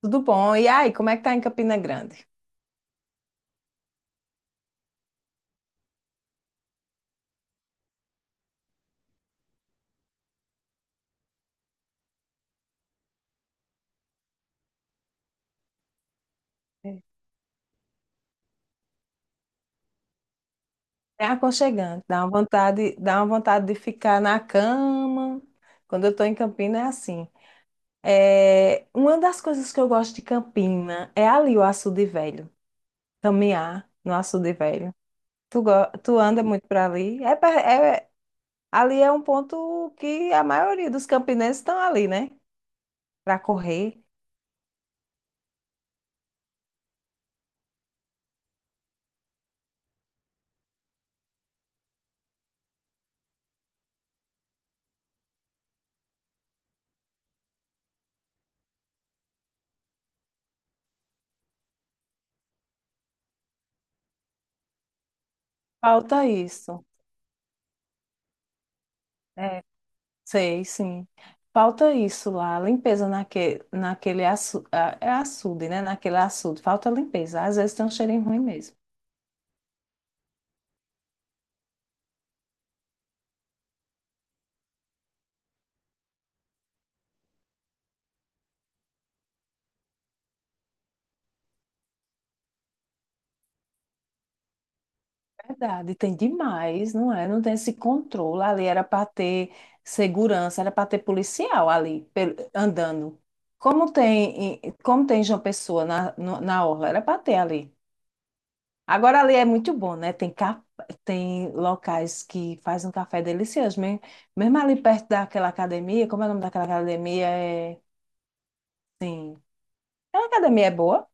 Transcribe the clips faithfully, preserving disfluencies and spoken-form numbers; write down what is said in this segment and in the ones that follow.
Tudo bom? E aí, como é que tá em Campina Grande? É. É aconchegante, dá uma vontade, dá uma vontade de ficar na cama. Quando eu tô em Campina é assim. É, uma das coisas que eu gosto de Campina é ali o Açude Velho, caminhar no Açude Velho. Tu, go- Tu anda muito para ali? É, per- é- ali é um ponto que a maioria dos campinenses estão ali, né? Para correr. Falta isso. Sei, sim. Falta isso lá, limpeza naque, naquele açu, a- é açude, né? Naquele açude, falta limpeza. Às vezes tem um cheirinho ruim mesmo. Verdade, tem demais, não é? Não tem esse controle. Ali era para ter segurança, era para ter policial ali pel- andando. Como tem, em- como tem João Pessoa na, no- na orla, era para ter ali. Agora ali é muito bom, né? Tem, ca- tem locais que fazem um café delicioso. Mesmo, mesmo ali perto daquela academia, como é o nome daquela academia? É, sim. Aquela academia é boa.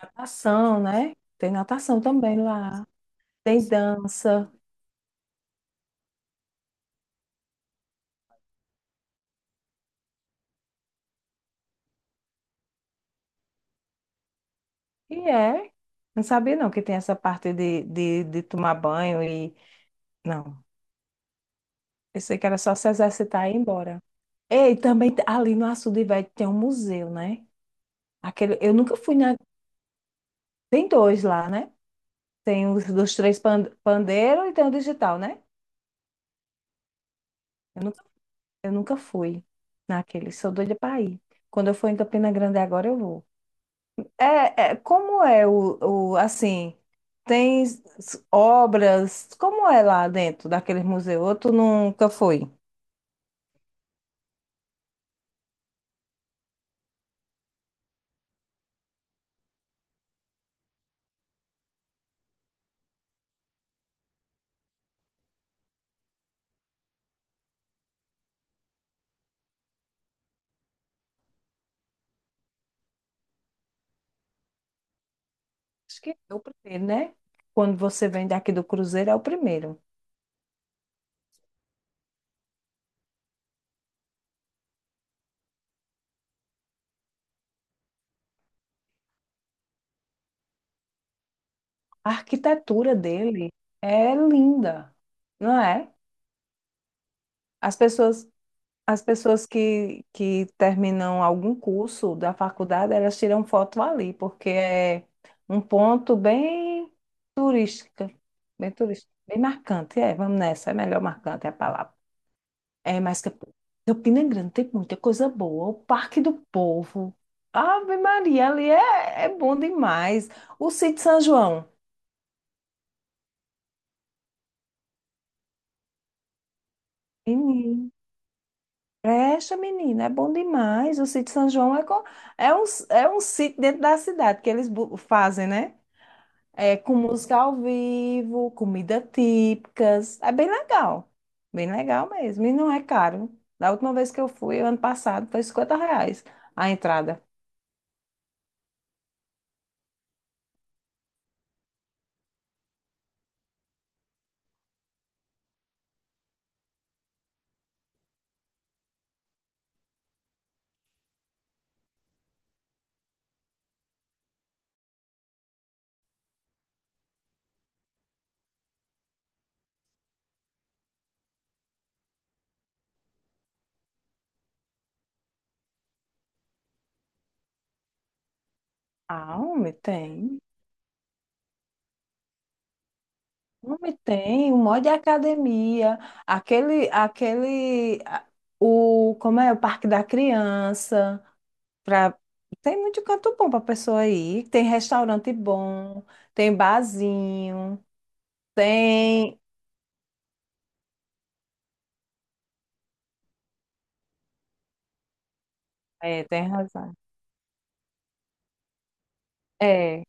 Natação, né? Tem natação também lá. Tem dança. E é. Não sabia não que tem essa parte de, de, de tomar banho e... Não. Eu sei que era só se exercitar e ir embora. Ei, também t- ali no Açude Velho tem um museu, né? Aquele, eu nunca fui na... Tem dois lá, né? Tem os dos três pan- pandeiro e tem o digital, né? Eu nunca, eu nunca fui naquele, sou doida para ir. Quando eu for em Campina Grande agora, eu vou. É, é, como é o, o, assim, tem s- obras, como é lá dentro daquele museu? Ou tu nunca foi? Acho que é o primeiro, né? Quando você vem daqui do Cruzeiro, é o primeiro. A arquitetura dele é linda, não é? As pessoas. As pessoas que, que terminam algum curso da faculdade, elas tiram foto ali, porque é um ponto bem turística, bem turístico, bem marcante. É, vamos nessa, é melhor marcante é a palavra. É mais que Campina é Grande tem muita coisa boa. O Parque do Povo. Ave Maria, ali é, é bom demais. O Sítio São João. Presta, menina, é bom demais. O sítio São João é, co- É um, é um sítio dentro da cidade que eles bu- fazem, né? É, com música ao vivo, comida típicas. É bem legal. Bem legal mesmo. E não é caro. Da última vez que eu fui, ano passado, foi cinquenta reais a entrada. Ah, homem, tem. Homem, tem. O monte de academia. Aquele, aquele, a- o, Como é? O Parque da Criança. Pra... Tem muito canto bom pra pessoa ir. Tem restaurante bom, tem barzinho, tem. É, tem razão. É,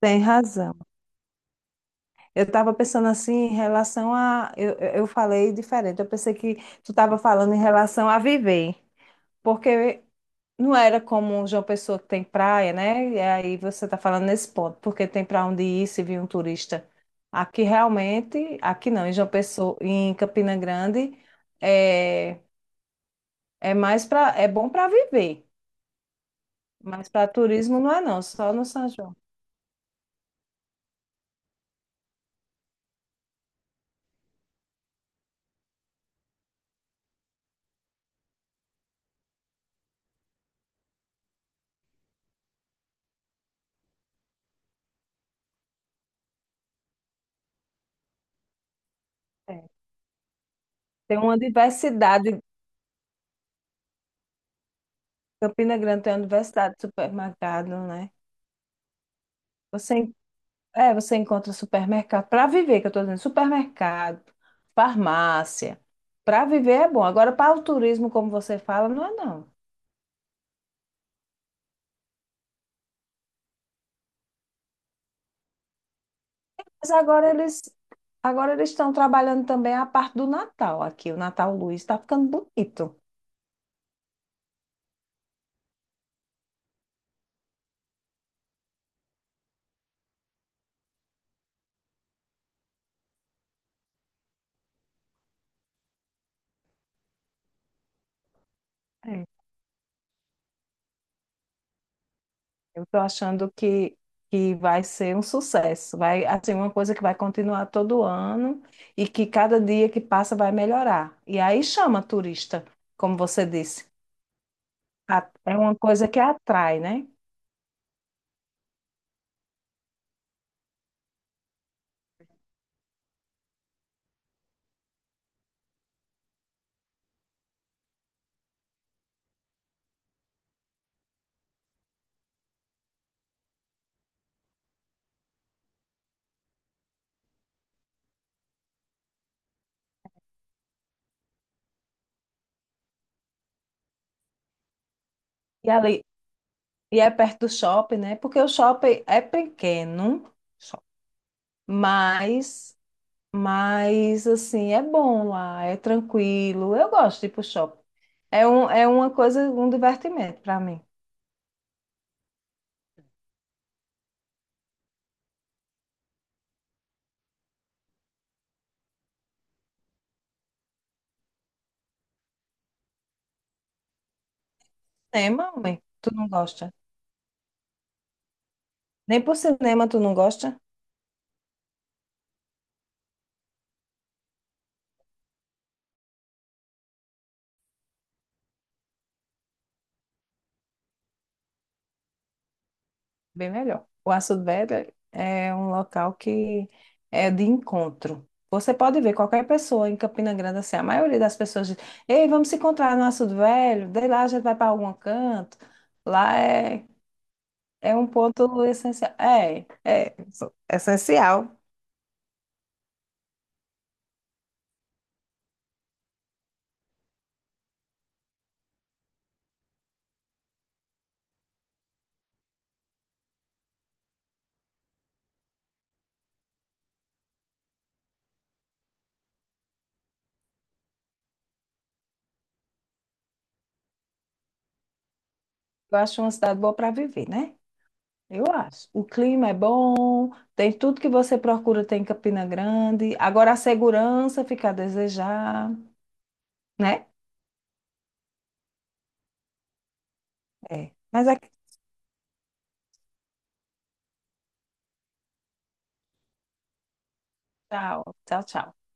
tem razão. Eu estava pensando assim em relação a. Eu, eu eu falei diferente. Eu pensei que tu estava falando em relação a viver. Porque não era como João Pessoa que tem praia, né? E aí você está falando nesse ponto, porque tem para onde ir se vir um turista. Aqui realmente, aqui não, em João Pessoa, em Campina Grande. É, é mais para, é bom para viver, mas para turismo não é não, só no São João. É. Tem uma diversidade, Campina Grande tem uma diversidade de supermercado, né? Você, en- É, você encontra supermercado para viver, que eu estou dizendo, supermercado, farmácia. Para viver é bom. Agora para o turismo, como você fala, não é não. Mas agora eles Agora eles estão trabalhando também a parte do Natal aqui. O Natal Luz está ficando bonito. Eu estou achando que, que vai ser um sucesso. Vai, assim, uma coisa que vai continuar todo ano e que cada dia que passa vai melhorar. E aí chama turista, como você disse. A- É uma coisa que atrai, né? E ali, e é perto do shopping, né? Porque o shopping é pequeno, só- mas, mas assim, é bom lá, é tranquilo. Eu gosto de ir pro shopping. É um, é uma coisa, um divertimento para mim. Cinema, homem, tu não gosta? Nem por cinema tu não gosta? Bem melhor. O Aço Velho é um local que é de encontro. Você pode ver qualquer pessoa em Campina Grande, assim, a maioria das pessoas diz, ei, vamos se encontrar no Açude Velho, daí lá a gente vai para algum canto. Lá é, é um ponto essencial. É, é so- essencial. Eu acho uma cidade boa para viver, né? Eu acho. O clima é bom, tem tudo que você procura, tem em Campina Grande. Agora a segurança fica a desejar, né? É. Mas aqui, tchau, tchau, tchau.